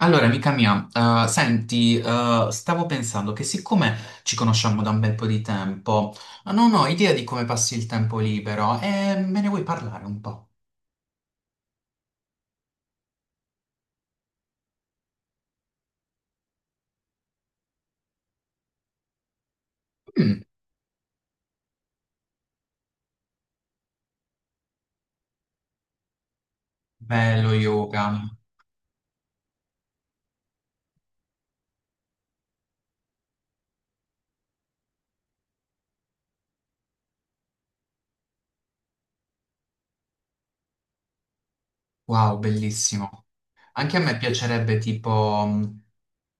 Allora, amica mia, senti, stavo pensando che siccome ci conosciamo da un bel po' di tempo, non ho idea di come passi il tempo libero e me ne vuoi parlare un po'? Mm, bello yoga. Wow, bellissimo. Anche a me piacerebbe tipo,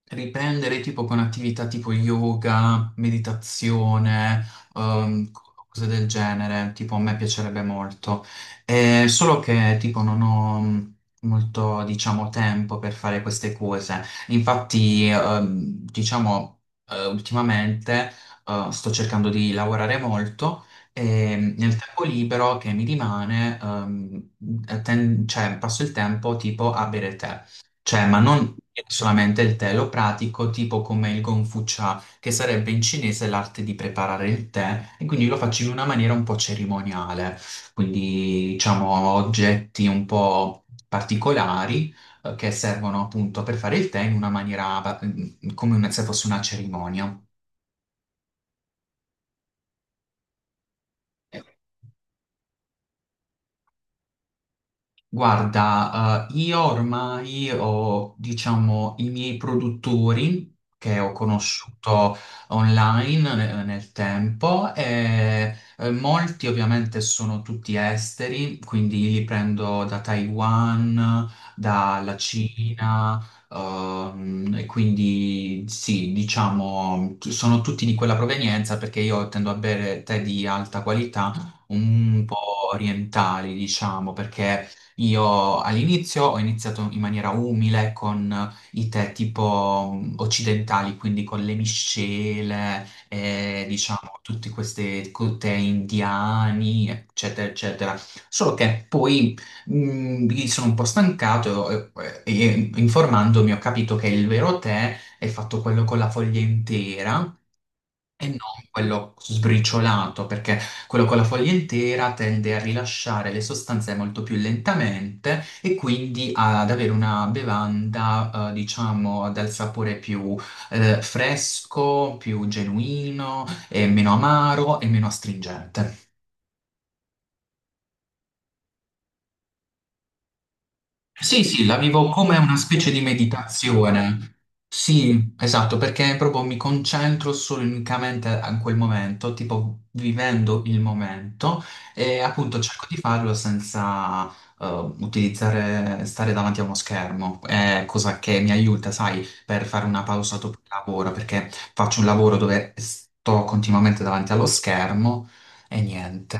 riprendere tipo con attività tipo yoga, meditazione, ehm, cose del genere, tipo a me piacerebbe molto. Solo che tipo non ho molto, diciamo, tempo per fare queste cose. Infatti, diciamo, ultimamente, sto cercando di lavorare molto. E nel tempo libero che mi rimane, cioè, passo il tempo tipo a bere tè. Cioè, ma non solamente il tè, lo pratico tipo come il Gongfu Cha, che sarebbe in cinese l'arte di preparare il tè, e quindi lo faccio in una maniera un po' cerimoniale, quindi diciamo oggetti un po' particolari che servono appunto per fare il tè in una maniera come se fosse una cerimonia. Guarda, io ormai ho, diciamo, i miei produttori che ho conosciuto online nel tempo e molti ovviamente sono tutti esteri, quindi li prendo da Taiwan, dalla Cina, e quindi sì, diciamo, sono tutti di quella provenienza perché io tendo a bere tè di alta qualità, un po' orientali, diciamo, perché io all'inizio ho iniziato in maniera umile con i tè tipo occidentali, quindi con le miscele, e diciamo tutti questi tè indiani, eccetera, eccetera. Solo che poi mi sono un po' stancato e, e informandomi ho capito che il vero tè è fatto quello con la foglia intera e non quello sbriciolato, perché quello con la foglia intera tende a rilasciare le sostanze molto più lentamente e quindi ad avere una bevanda, diciamo, dal sapore più, fresco, più genuino, e meno amaro e meno astringente. Sì, sì, la vivo come una specie di meditazione. Sì, esatto, perché proprio mi concentro solo e unicamente a quel momento, tipo vivendo il momento e appunto cerco di farlo senza eh, utilizzare, stare davanti a uno schermo. È cosa che mi aiuta, sai, per fare una pausa dopo il lavoro, perché faccio un lavoro dove sto continuamente davanti allo schermo e niente.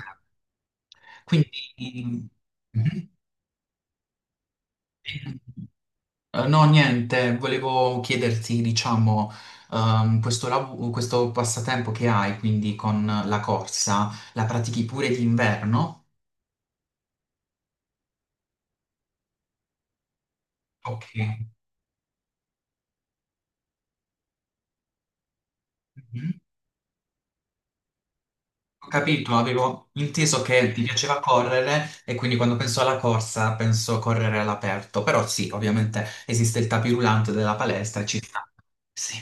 Quindi... Mhm. No, niente, volevo chiederti, diciamo, questo, questo passatempo che hai, quindi con la corsa, la pratichi pure d'inverno? Ok. Mhm. Ho capito, avevo inteso che ti piaceva correre e quindi quando penso alla corsa penso a correre all'aperto, però sì, ovviamente esiste il tapirulante della palestra, e ci sta. Sì,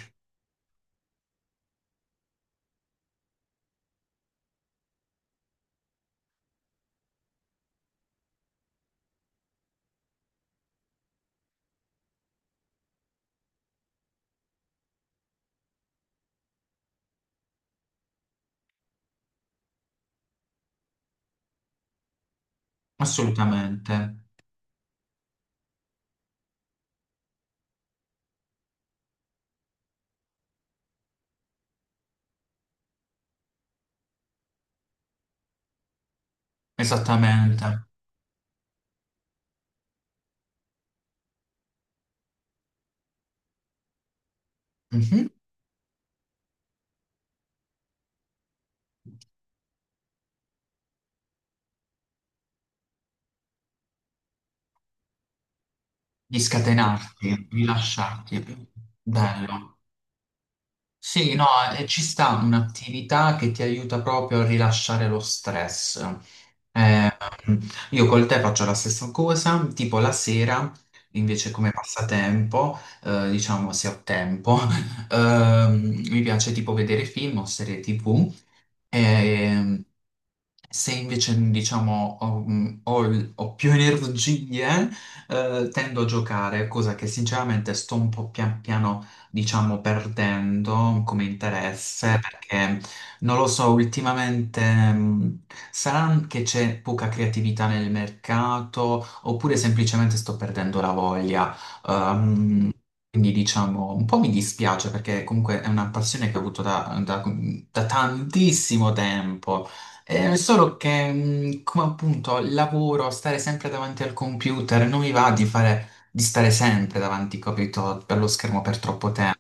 assolutamente, esattamente. Mhm. Di scatenarti, rilasciarti, bello. Sì, no, ci sta un'attività che ti aiuta proprio a rilasciare lo stress. Mm. Io col te faccio la stessa cosa, tipo la sera, invece come passatempo, diciamo se ho tempo, mi piace tipo vedere film o serie TV. ehm, Se invece, diciamo, ho, ho più energie, tendo a giocare, cosa che sinceramente sto un po' pian piano, diciamo, perdendo come interesse, perché non lo so, ultimamente, sarà che c'è poca creatività nel mercato, oppure semplicemente sto perdendo la voglia. Ehm, Quindi diciamo, un po' mi dispiace perché comunque è una passione che ho avuto da tantissimo tempo. Solo che, come appunto lavoro, stare sempre davanti al computer, non mi va di fare, di stare sempre davanti, capito, per lo schermo per troppo tempo.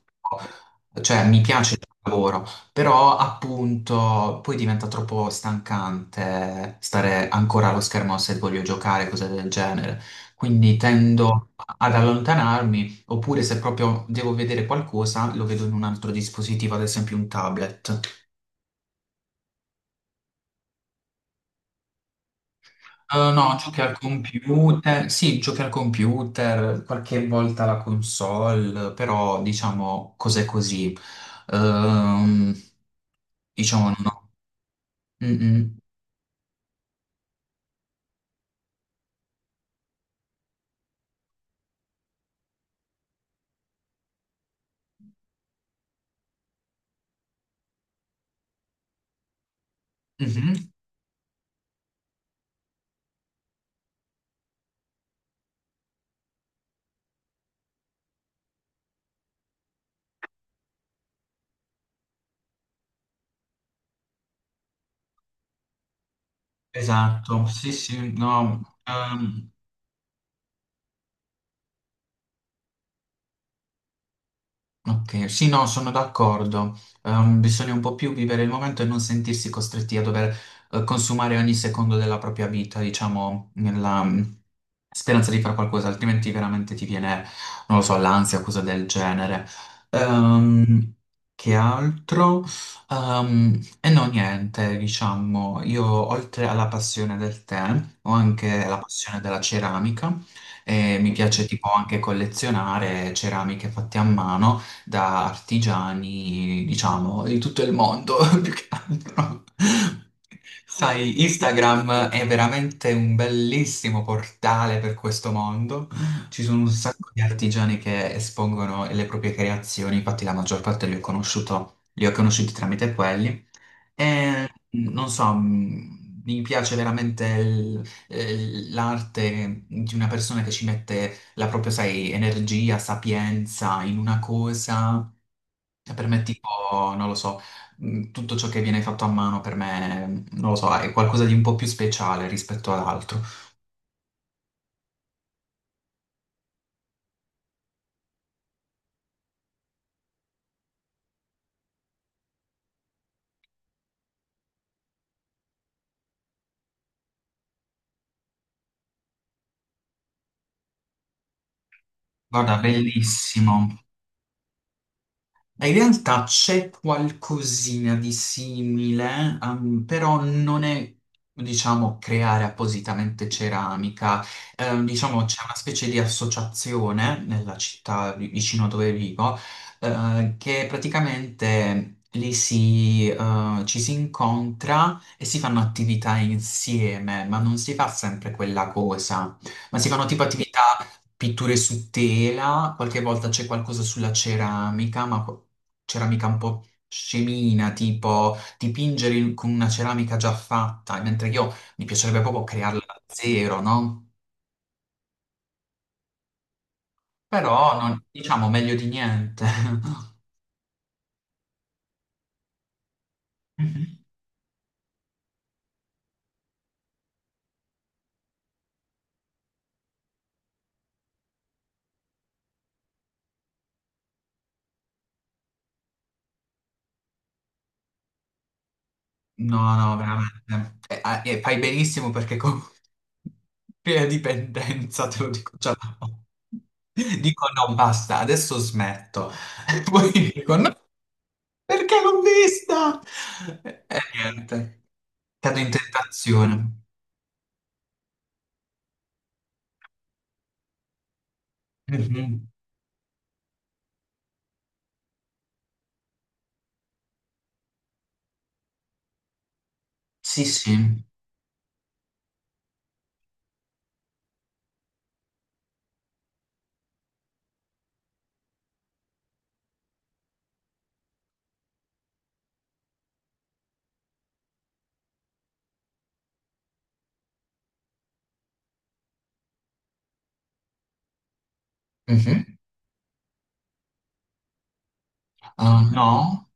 Cioè, mi piace il lavoro, però appunto poi diventa troppo stancante stare ancora allo schermo se voglio giocare, cose del genere. Quindi tendo ad allontanarmi, oppure se proprio devo vedere qualcosa, lo vedo in un altro dispositivo, ad esempio un tablet. No, giochi al computer, sì, giochi al computer, qualche volta la console, però diciamo cose così. Ehm, diciamo no. Mm, mm. Mhm. Esatto, sì, sì, no. Ok, sì, no, sono d'accordo. Bisogna un po' più vivere il momento e non sentirsi costretti a dover consumare ogni secondo della propria vita, diciamo, nella speranza di fare qualcosa, altrimenti veramente ti viene, non lo so, l'ansia, cosa del genere. Ehm, che altro? E no, niente, diciamo, io oltre alla passione del tè, ho anche la passione della ceramica e mi piace tipo anche collezionare ceramiche fatte a mano da artigiani, diciamo, di tutto il mondo, più che altro. Sai, Instagram è veramente un bellissimo portale per questo mondo. Ci sono un sacco di artigiani che espongono le proprie creazioni, infatti la maggior parte li ho conosciuto, li ho conosciuti tramite quelli. E non so, mi piace veramente l'arte di una persona che ci mette la propria, sai, energia, sapienza in una cosa cioè, per me, tipo, non lo so, tutto ciò che viene fatto a mano per me, non lo so, è qualcosa di un po' più speciale rispetto ad altro. Guarda, bellissimo. In realtà c'è qualcosina di simile, però non è, diciamo, creare appositamente ceramica. Diciamo, c'è una specie di associazione nella città vicino a dove vivo, che praticamente lì si, ci si incontra e si fanno attività insieme, ma non si fa sempre quella cosa, ma si fanno tipo attività pitture su tela, qualche volta c'è qualcosa sulla ceramica, ma ceramica un po' scemina, tipo dipingere con una ceramica già fatta, mentre io mi piacerebbe proprio crearla da zero, no? Però non, diciamo meglio di niente. No, no, veramente. E, ah, e fai benissimo perché con crea dipendenza, te lo dico già. da ora. Dico no, basta, adesso smetto. E poi dico no, perché l'ho vista? E niente, cado in tentazione. Mhm. Sì, sì. Mhm. Ah, no?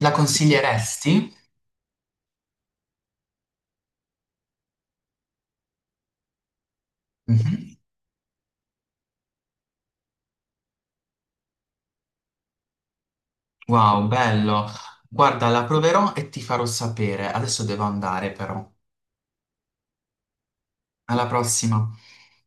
La consiglieresti? Mhm. Wow, bello. Guarda, la proverò e ti farò sapere. Adesso devo andare, però. Alla prossima.